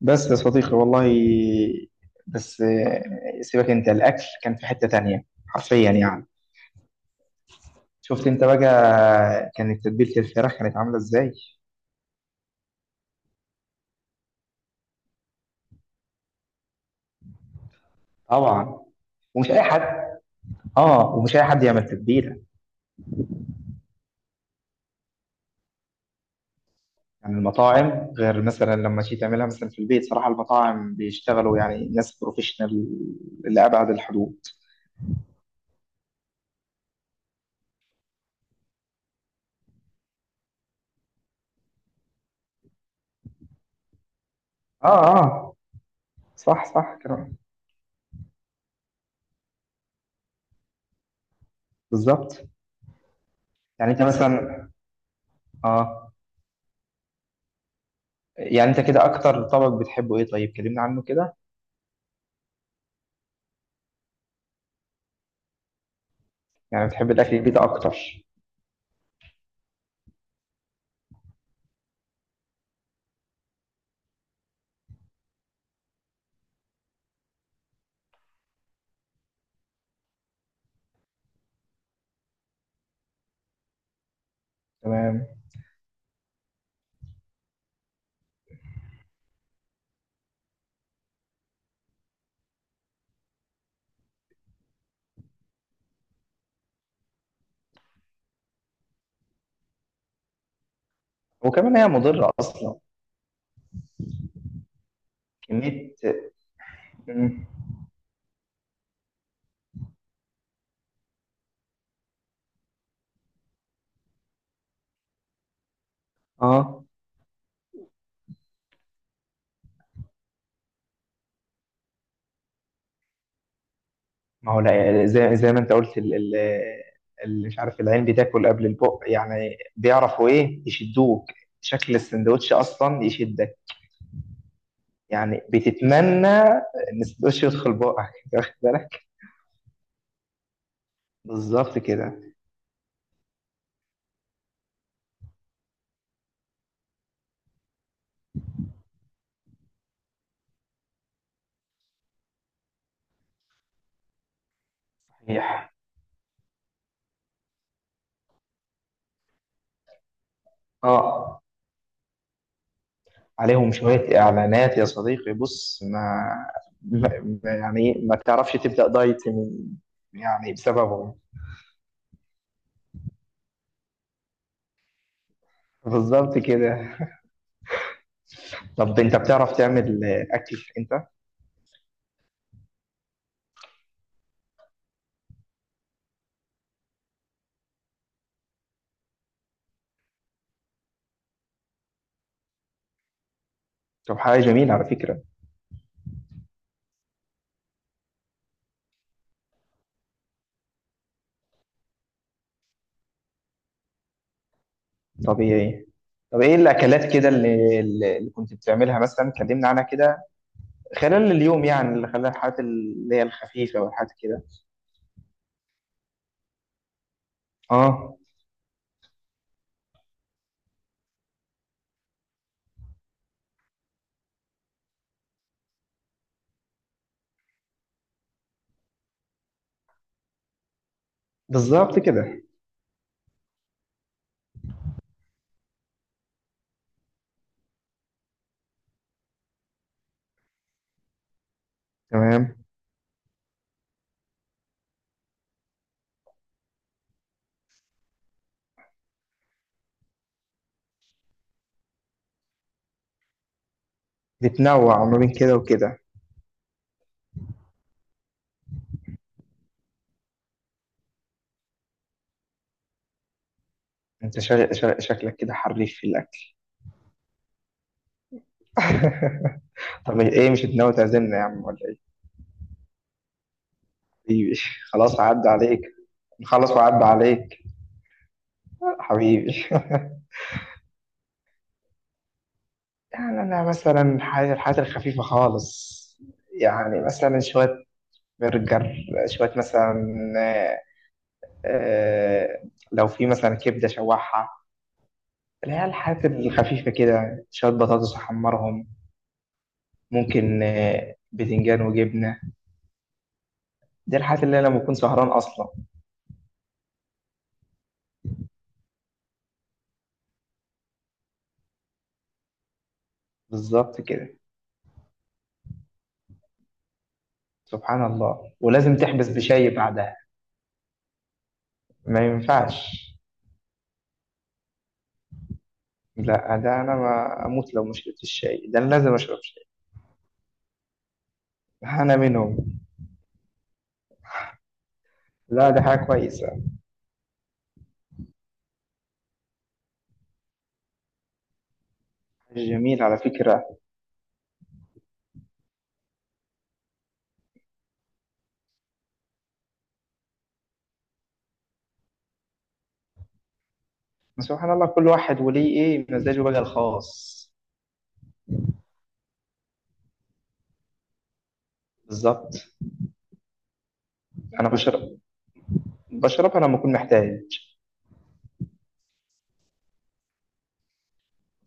بس يا صديقي والله بس سيبك انت الاكل كان في حتة تانية حرفيا يعني. شفت انت بقى، كانت تتبيلة الفراخ كانت عاملة ازاي؟ طبعا. ومش اي حد اه ومش اي حد يعمل تتبيلة. يعني المطاعم غير مثلا لما تيجي تعملها مثلا في البيت، صراحة المطاعم بيشتغلوا يعني ناس بروفيشنال لأبعد الحدود. اه، اه، صح صح كلام، بالظبط. يعني انت مثلا اه يعني انت كده اكتر طبق بتحبه ايه؟ طيب كلمنا عنه كده. يعني بتحب الأكل البيت أكتر؟ تمام. وكمان هي مضرة أصلا، كمية. مم. اه، ما هو لا، زي ما انت قلت اللي مش عارف، العين بتاكل قبل البق، يعني بيعرفوا ايه يشدوك. شكل السندوتش اصلا يشدك. يعني بتتمنى ان السندوتش يدخل بقك انت واخد بالك؟ بالظبط كده. صحيح. اه، عليهم شوية إعلانات يا صديقي. بص، ما يعني ما تعرفش تبدأ دايت من، يعني بسببهم. بالظبط كده. طب أنت بتعرف تعمل أكل أنت؟ طب، حاجة جميلة على فكرة. طبيعي. طب إيه الأكلات كده اللي كنت بتعملها مثلا؟ كلمنا عنها كده، خلال اليوم، يعني اللي خلال الحاجات اللي هي الخفيفة والحاجات كده. آه، بالظبط كده. تمام. بتنوع ما بين كده وكده. أنت شكلك كده حريف في الأكل. طب ايه، مش ناوي تعزمنا يا عم ولا ايه؟ حبيبي. خلاص، هعدي عليك. نخلص وأعد عليك. حبيبي. يعني أنا مثلا الحاجات الخفيفة خالص. يعني مثلا شوية برجر، شوية مثلا، آه، آه، لو في مثلا كبدة شوحها. اللي هي الحاجات الخفيفة كده، شوية بطاطس أحمرهم. ممكن بتنجان وجبنة. دي الحاجات اللي أنا لما بكون سهران أصلا. بالظبط كده. سبحان الله، ولازم تحبس بشاي بعدها. ما ينفعش. لا، ده انا ما اموت لو ما شربتش الشاي. ده انا لازم اشرب شاي. انا منهم. لا، ده حاجه كويسه. حاجه جميله على فكره. سبحان الله، كل واحد وليه ايه مزاجه بقى الخاص. بالظبط. انا بشربها لما اكون محتاج.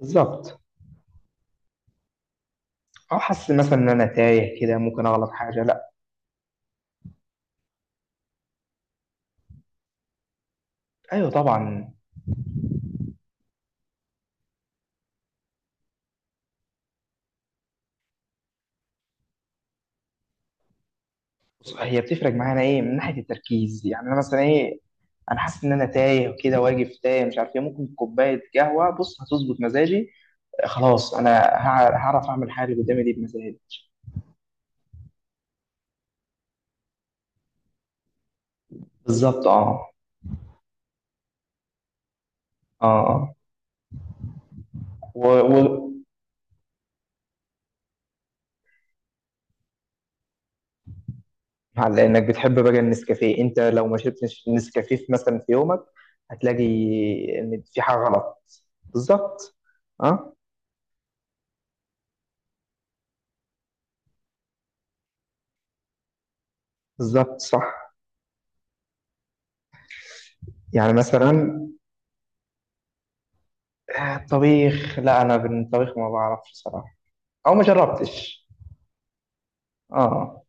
بالظبط. او حاسس مثلا ان انا تايه كده، ممكن اغلط حاجه، لا. ايوه طبعا. بص، هي بتفرق معانا ايه، من ناحيه التركيز يعني. انا مثلا ايه، انا حاسس ان انا تايه وكده، واقف تايه مش عارف ايه، ممكن كوبايه قهوه، بص هتظبط مزاجي. خلاص انا هعرف اعمل حاجه اللي قدامي دي بمزاجي. بالظبط. اه، اه، آه. و... و... على انك بتحب بقى النسكافيه، انت لو ما شربتش نسكافيه مثلا في يومك، هتلاقي ان في حاجه غلط. بالظبط. اه، بالظبط صح. يعني مثلا، الطبيخ، لا انا بالطبيخ ما بعرفش صراحه، او ما جربتش. اه.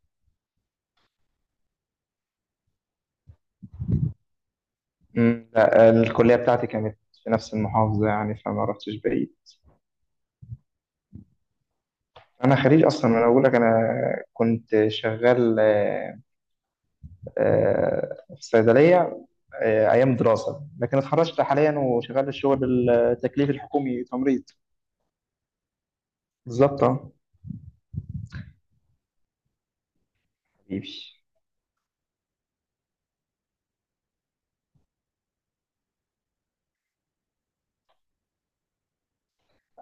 لا الكليه بتاعتي كانت في نفس المحافظه، يعني فما رحتش بعيد. انا خريج اصلا، ما انا بقول لك انا كنت شغال في صيدليه، ايام دراسه. لكن اتخرجت حاليا وشغال الشغل، التكليف الحكومي، تمريض. بالظبط. آه. حبيبي.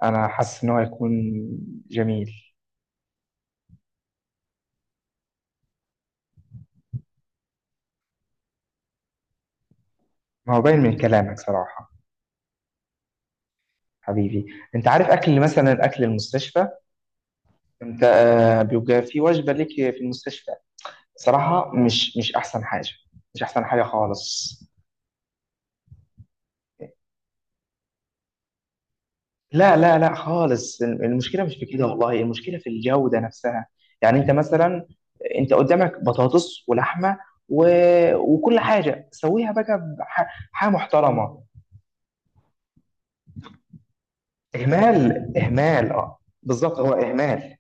انا حاسس ان هو هيكون جميل. ما هو باين من كلامك صراحه. حبيبي. انت عارف، اكل مثلا اكل المستشفى، انت بيبقى في وجبه ليك في المستشفى. صراحة مش أحسن حاجة، مش أحسن حاجة خالص. لا، لا، لا خالص. المشكلة مش في كده، والله، المشكلة في الجودة نفسها. يعني أنت مثلا، أنت قدامك بطاطس ولحمة، و... وكل حاجة سويها بقى حاجة محترمة. إهمال، إهمال، أه بالظبط هو إهمال.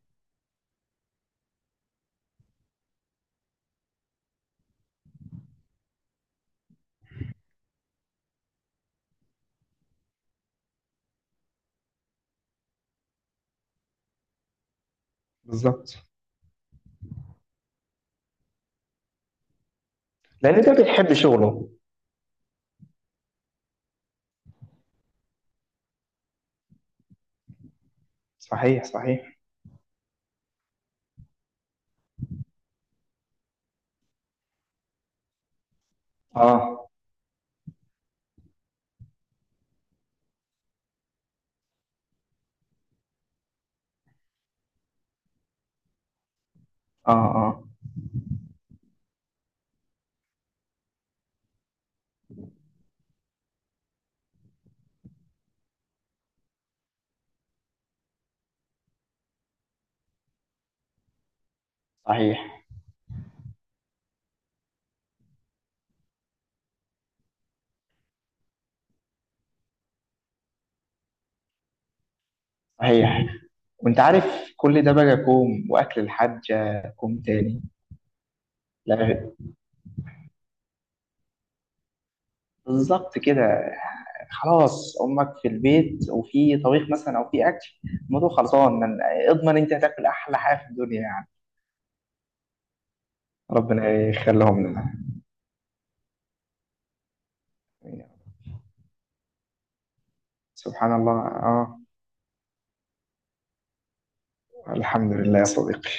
بالظبط. لأن ده بيحب شغله. صحيح، صحيح. أه، أه، أه. صحيح، صحيح. وأنت عارف، كل ده بقى كوم، وأكل الحاجة كوم تاني. لا. بالظبط كده. خلاص، امك في البيت وفي طبيخ مثلا او في اكل، الموضوع خلصان من، اضمن انت هتاكل احلى حاجه في الدنيا يعني. ربنا يخليهم لنا. سبحان الله. اه، الحمد لله يا صديقي.